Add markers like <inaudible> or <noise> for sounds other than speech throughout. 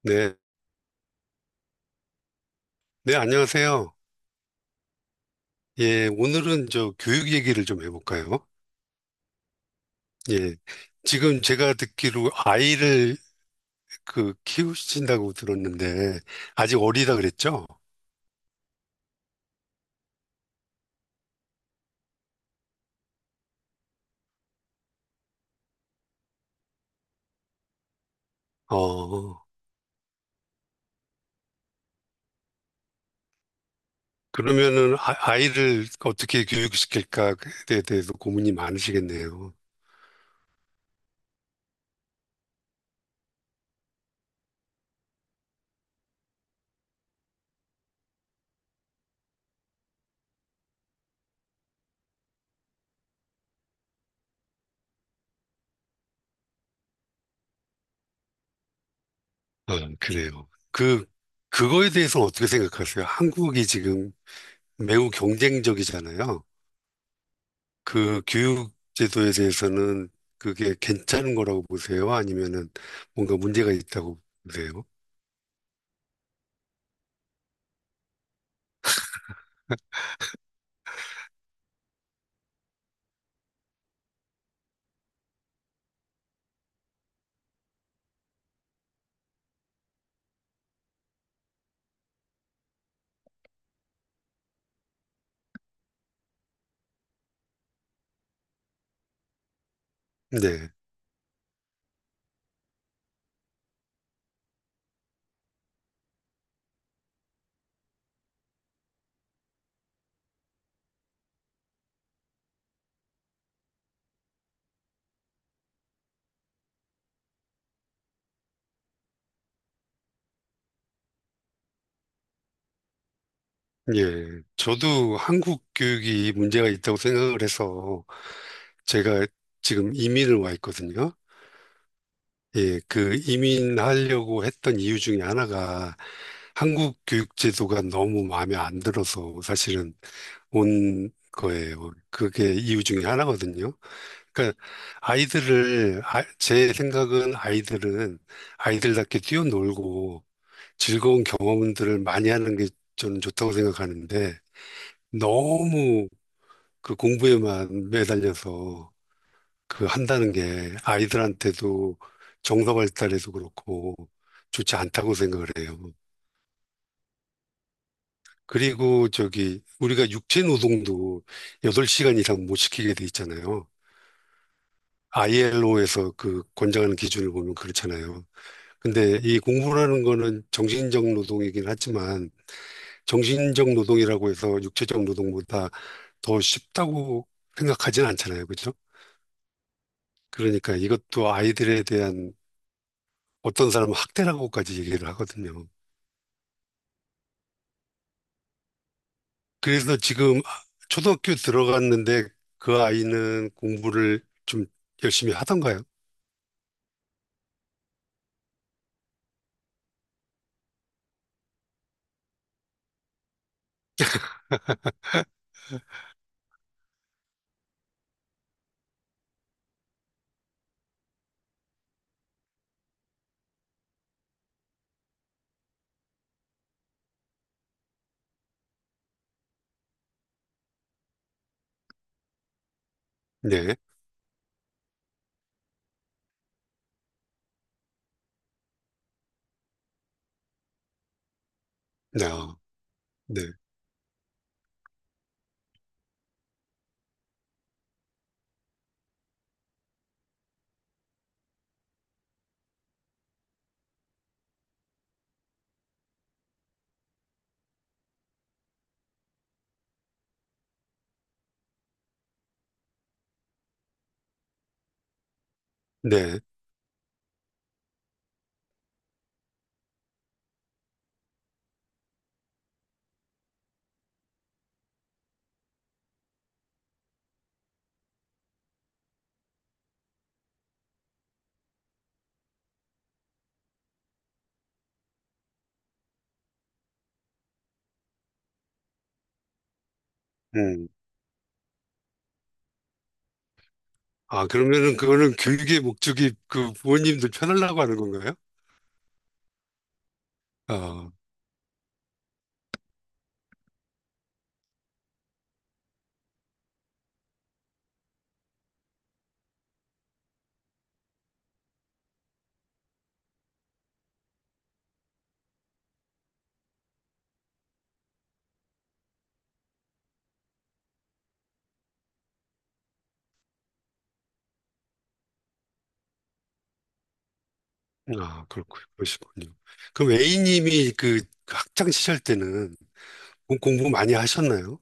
네, 네, 안녕하세요. 예, 오늘은 저 교육 얘기를 좀 해볼까요? 예, 지금 제가 듣기로 아이를 그 키우신다고 들었는데, 아직 어리다 그랬죠? 어, 그러면은 아이를 어떻게 교육시킬까에 대해서 고민이 많으시겠네요. 아, 그래요. 그거에 대해서는 어떻게 생각하세요? 한국이 지금 매우 경쟁적이잖아요. 그 교육 제도에 대해서는 그게 괜찮은 거라고 보세요? 아니면은 뭔가 문제가 있다고 보세요? 네. 예. 저도 한국 교육이 문제가 있다고 생각을 해서 제가 지금 이민을 와 있거든요. 예. 그 이민하려고 했던 이유 중에 하나가 한국 교육 제도가 너무 마음에 안 들어서 사실은 온 거예요. 그게 이유 중에 하나거든요. 그러니까 아이들을 제 생각은 아이들은 아이들답게 뛰어놀고 즐거운 경험들을 많이 하는 게 저는 좋다고 생각하는데 너무 그 공부에만 매달려서 그 한다는 게 아이들한테도 정서 발달에도 그렇고 좋지 않다고 생각을 해요. 그리고 저기 우리가 육체 노동도 8시간 이상 못 시키게 돼 있잖아요. ILO에서 그 권장하는 기준을 보면 그렇잖아요. 근데 이 공부라는 거는 정신적 노동이긴 하지만 정신적 노동이라고 해서 육체적 노동보다 더 쉽다고 생각하진 않잖아요. 그죠? 그러니까 이것도 아이들에 대한 어떤 사람은 학대라고까지 얘기를 하거든요. 그래서 지금 초등학교 들어갔는데 그 아이는 공부를 좀 열심히 하던가요? 네. 네. 아, 네. 네. 음. 아, 그러면은 그거는 교육의 목적이 그 부모님들 편하려고 하는 건가요? 아. 아, 그렇고, 그러시군요. 그럼 A님이 그 학창 시절 때는 공부 많이 하셨나요?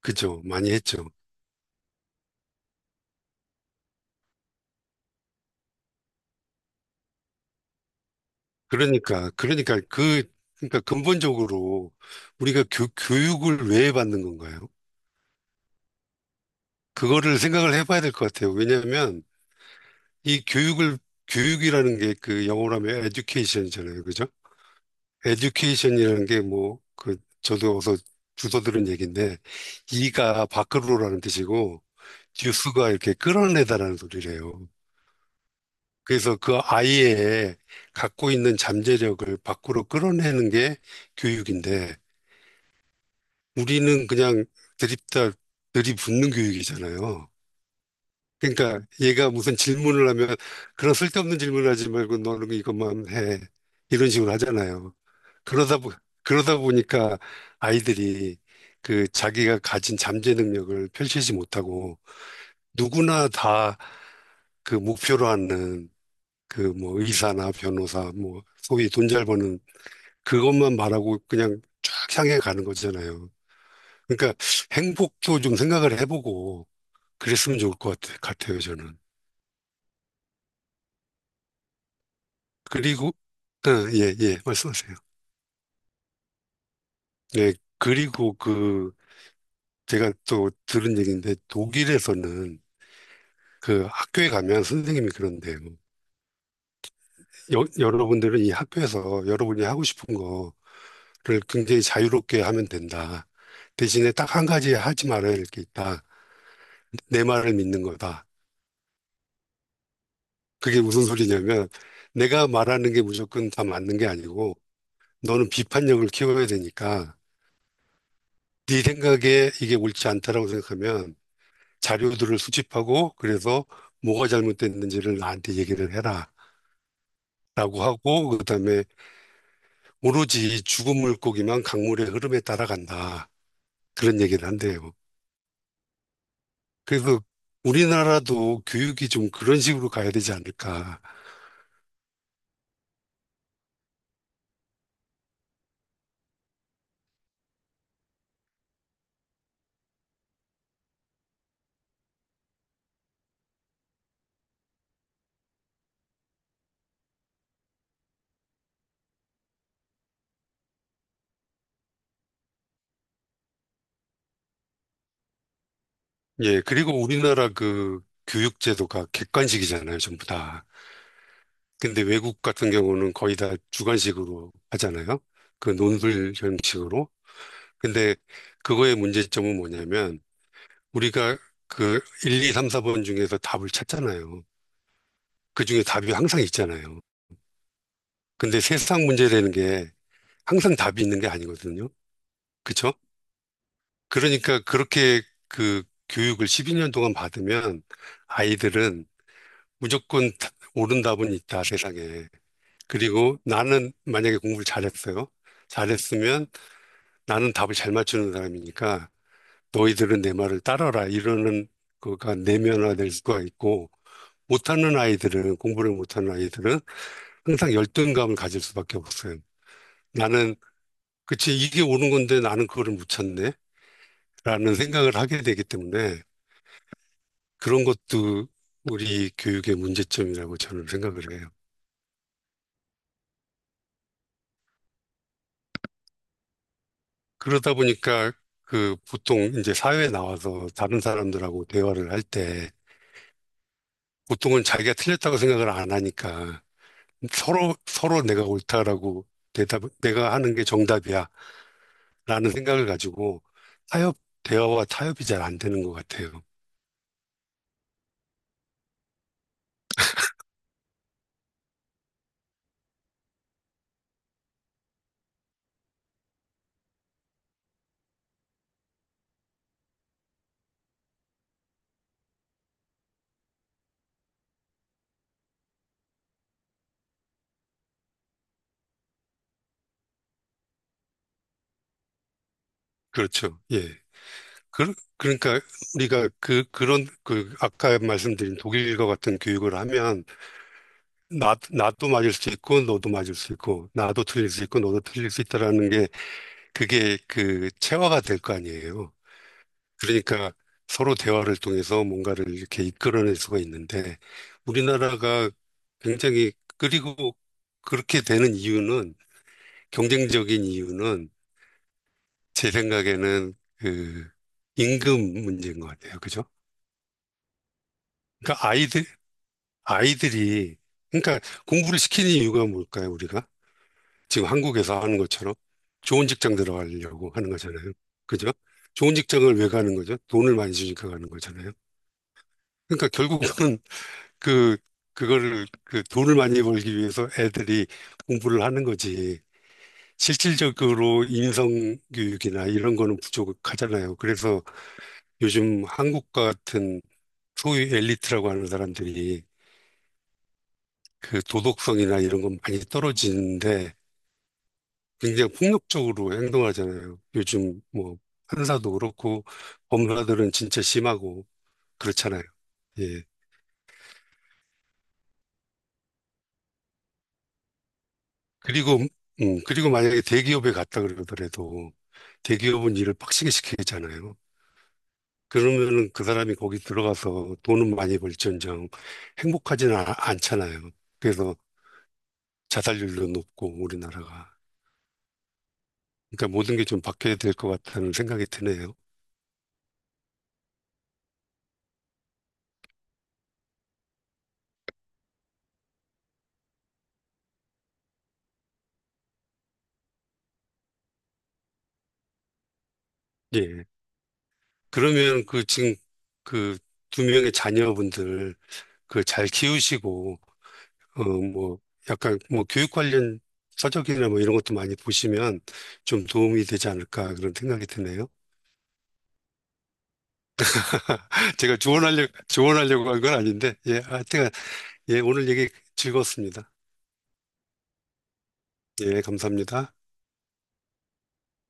그죠? 많이 했죠. 그러니까, 그러니까 그, 그러니까 근본적으로 우리가 교육을 왜 받는 건가요? 그거를 생각을 해봐야 될 것 같아요. 왜냐하면 이 교육을, 교육이라는 게 그 영어로 하면 education이잖아요. 그죠? 에듀케이션이라는 게 뭐, 그, 저도 어서 주워 들은 얘기인데, 이가 밖으로라는 뜻이고, 듀스가 이렇게 끌어내다라는 소리래요. 그래서 그 아이의 갖고 있는 잠재력을 밖으로 끌어내는 게 교육인데, 우리는 그냥 들이다, 들이붓는 교육이잖아요. 그러니까 얘가 무슨 질문을 하면, 그런 쓸데없는 질문을 하지 말고 너는 이것만 해. 이런 식으로 하잖아요. 그러다, 보- 그러다 보니까 아이들이 그 자기가 가진 잠재 능력을 펼치지 못하고 누구나 다 그 목표로 하는 그 뭐 의사나 변호사 뭐 소위 돈 잘 버는 그것만 말하고 그냥 쫙 향해 가는 거잖아요. 그러니까 행복도 좀 생각을 해보고 그랬으면 좋을 것 같아요, 저는. 그리고, 예, 예, 말씀하세요. 예, 그리고 그 제가 또 들은 얘기인데 독일에서는 그 학교에 가면 선생님이 그런데 뭐 여러분들은 이 학교에서 여러분이 하고 싶은 거를 굉장히 자유롭게 하면 된다. 대신에 딱 한 가지 하지 말아야 할 게 있다. 내 말을 믿는 거다. 그게 무슨 소리냐면 내가 말하는 게 무조건 다 맞는 게 아니고 너는 비판력을 키워야 되니까 네 생각에 이게 옳지 않다라고 생각하면 자료들을 수집하고 그래서 뭐가 잘못됐는지를 나한테 얘기를 해라. 라고 하고 그다음에 오로지 죽은 물고기만 강물의 흐름에 따라간다. 그런 얘기를 한대요. 그래서 우리나라도 교육이 좀 그런 식으로 가야 되지 않을까. 예, 그리고 우리나라 그 교육제도가 객관식이잖아요, 전부 다. 근데 외국 같은 경우는 거의 다 주관식으로 하잖아요. 그 논술 형식으로. 근데 그거의 문제점은 뭐냐면 우리가 그 1, 2, 3, 4번 중에서 답을 찾잖아요. 그 중에 답이 항상 있잖아요. 근데 세상 문제라는 게 항상 답이 있는 게 아니거든요. 그쵸? 그러니까 그렇게 그 교육을 12년 동안 받으면 아이들은 무조건 옳은 답은 있다, 세상에. 그리고 나는 만약에 공부를 잘했어요. 잘했으면 나는 답을 잘 맞추는 사람이니까 너희들은 내 말을 따라라. 이러는 거가 내면화될 수가 있고 공부를 못하는 아이들은 항상 열등감을 가질 수밖에 없어요. 나는, 그치, 이게 옳은 건데 나는 그거를 못 찾네. 라는 생각을 하게 되기 때문에 그런 것도 우리 교육의 문제점이라고 저는 생각을 해요. 그러다 보니까 그 보통 이제 사회에 나와서 다른 사람들하고 대화를 할 때 보통은 자기가 틀렸다고 생각을 안 하니까 서로 내가 옳다라고 내가 하는 게 정답이야 라는 생각을 가지고 타협, 대화와 타협이 잘 안 되는 것 같아요. 그렇죠. 예. 그러니까 우리가 아까 말씀드린 독일과 같은 교육을 하면 나도 맞을 수 있고, 너도 맞을 수 있고, 나도 틀릴 수 있고, 너도 틀릴 수 있다라는 게, 그게 그 체화가 될 거 아니에요. 그러니까 서로 대화를 통해서 뭔가를 이렇게 이끌어낼 수가 있는데, 우리나라가 굉장히, 그리고 그렇게 되는 이유는, 경쟁적인 이유는, 제 생각에는 그 임금 문제인 것 같아요. 그죠? 그러니까 아이들이, 그러니까 공부를 시키는 이유가 뭘까요, 우리가? 지금 한국에서 하는 것처럼 좋은 직장 들어가려고 하는 거잖아요. 그죠? 좋은 직장을 왜 가는 거죠? 돈을 많이 주니까 가는 거잖아요. 그러니까 결국은 <laughs> 그, 그 돈을 많이 벌기 위해서 애들이 공부를 하는 거지. 실질적으로 인성교육이나 이런 거는 부족하잖아요. 그래서 요즘 한국 같은 소위 엘리트라고 하는 사람들이 그 도덕성이나 이런 건 많이 떨어지는데 굉장히 폭력적으로 행동하잖아요. 요즘 뭐 판사도 그렇고 법무사들은 진짜 심하고 그렇잖아요. 예. 그리고 그리고 만약에 대기업에 갔다 그러더라도 대기업은 일을 빡시게 시키잖아요. 그러면은 그 사람이 거기 들어가서 돈은 많이 벌지언정 행복하지는 않잖아요. 그래서 자살률도 높고 우리나라가. 그러니까 모든 게 좀 바뀌어야 될 것 같다는 생각이 드네요. 예. 그러면 그 지금 그 두 명의 자녀분들 그 잘 키우시고 뭐 약간 뭐 교육 관련 서적이나 뭐 이런 것도 많이 보시면 좀 도움이 되지 않을까 그런 생각이 드네요. <laughs> 제가 조언하려고 한 건 아닌데 예 하여튼 예 오늘 얘기 즐거웠습니다. 예 감사합니다.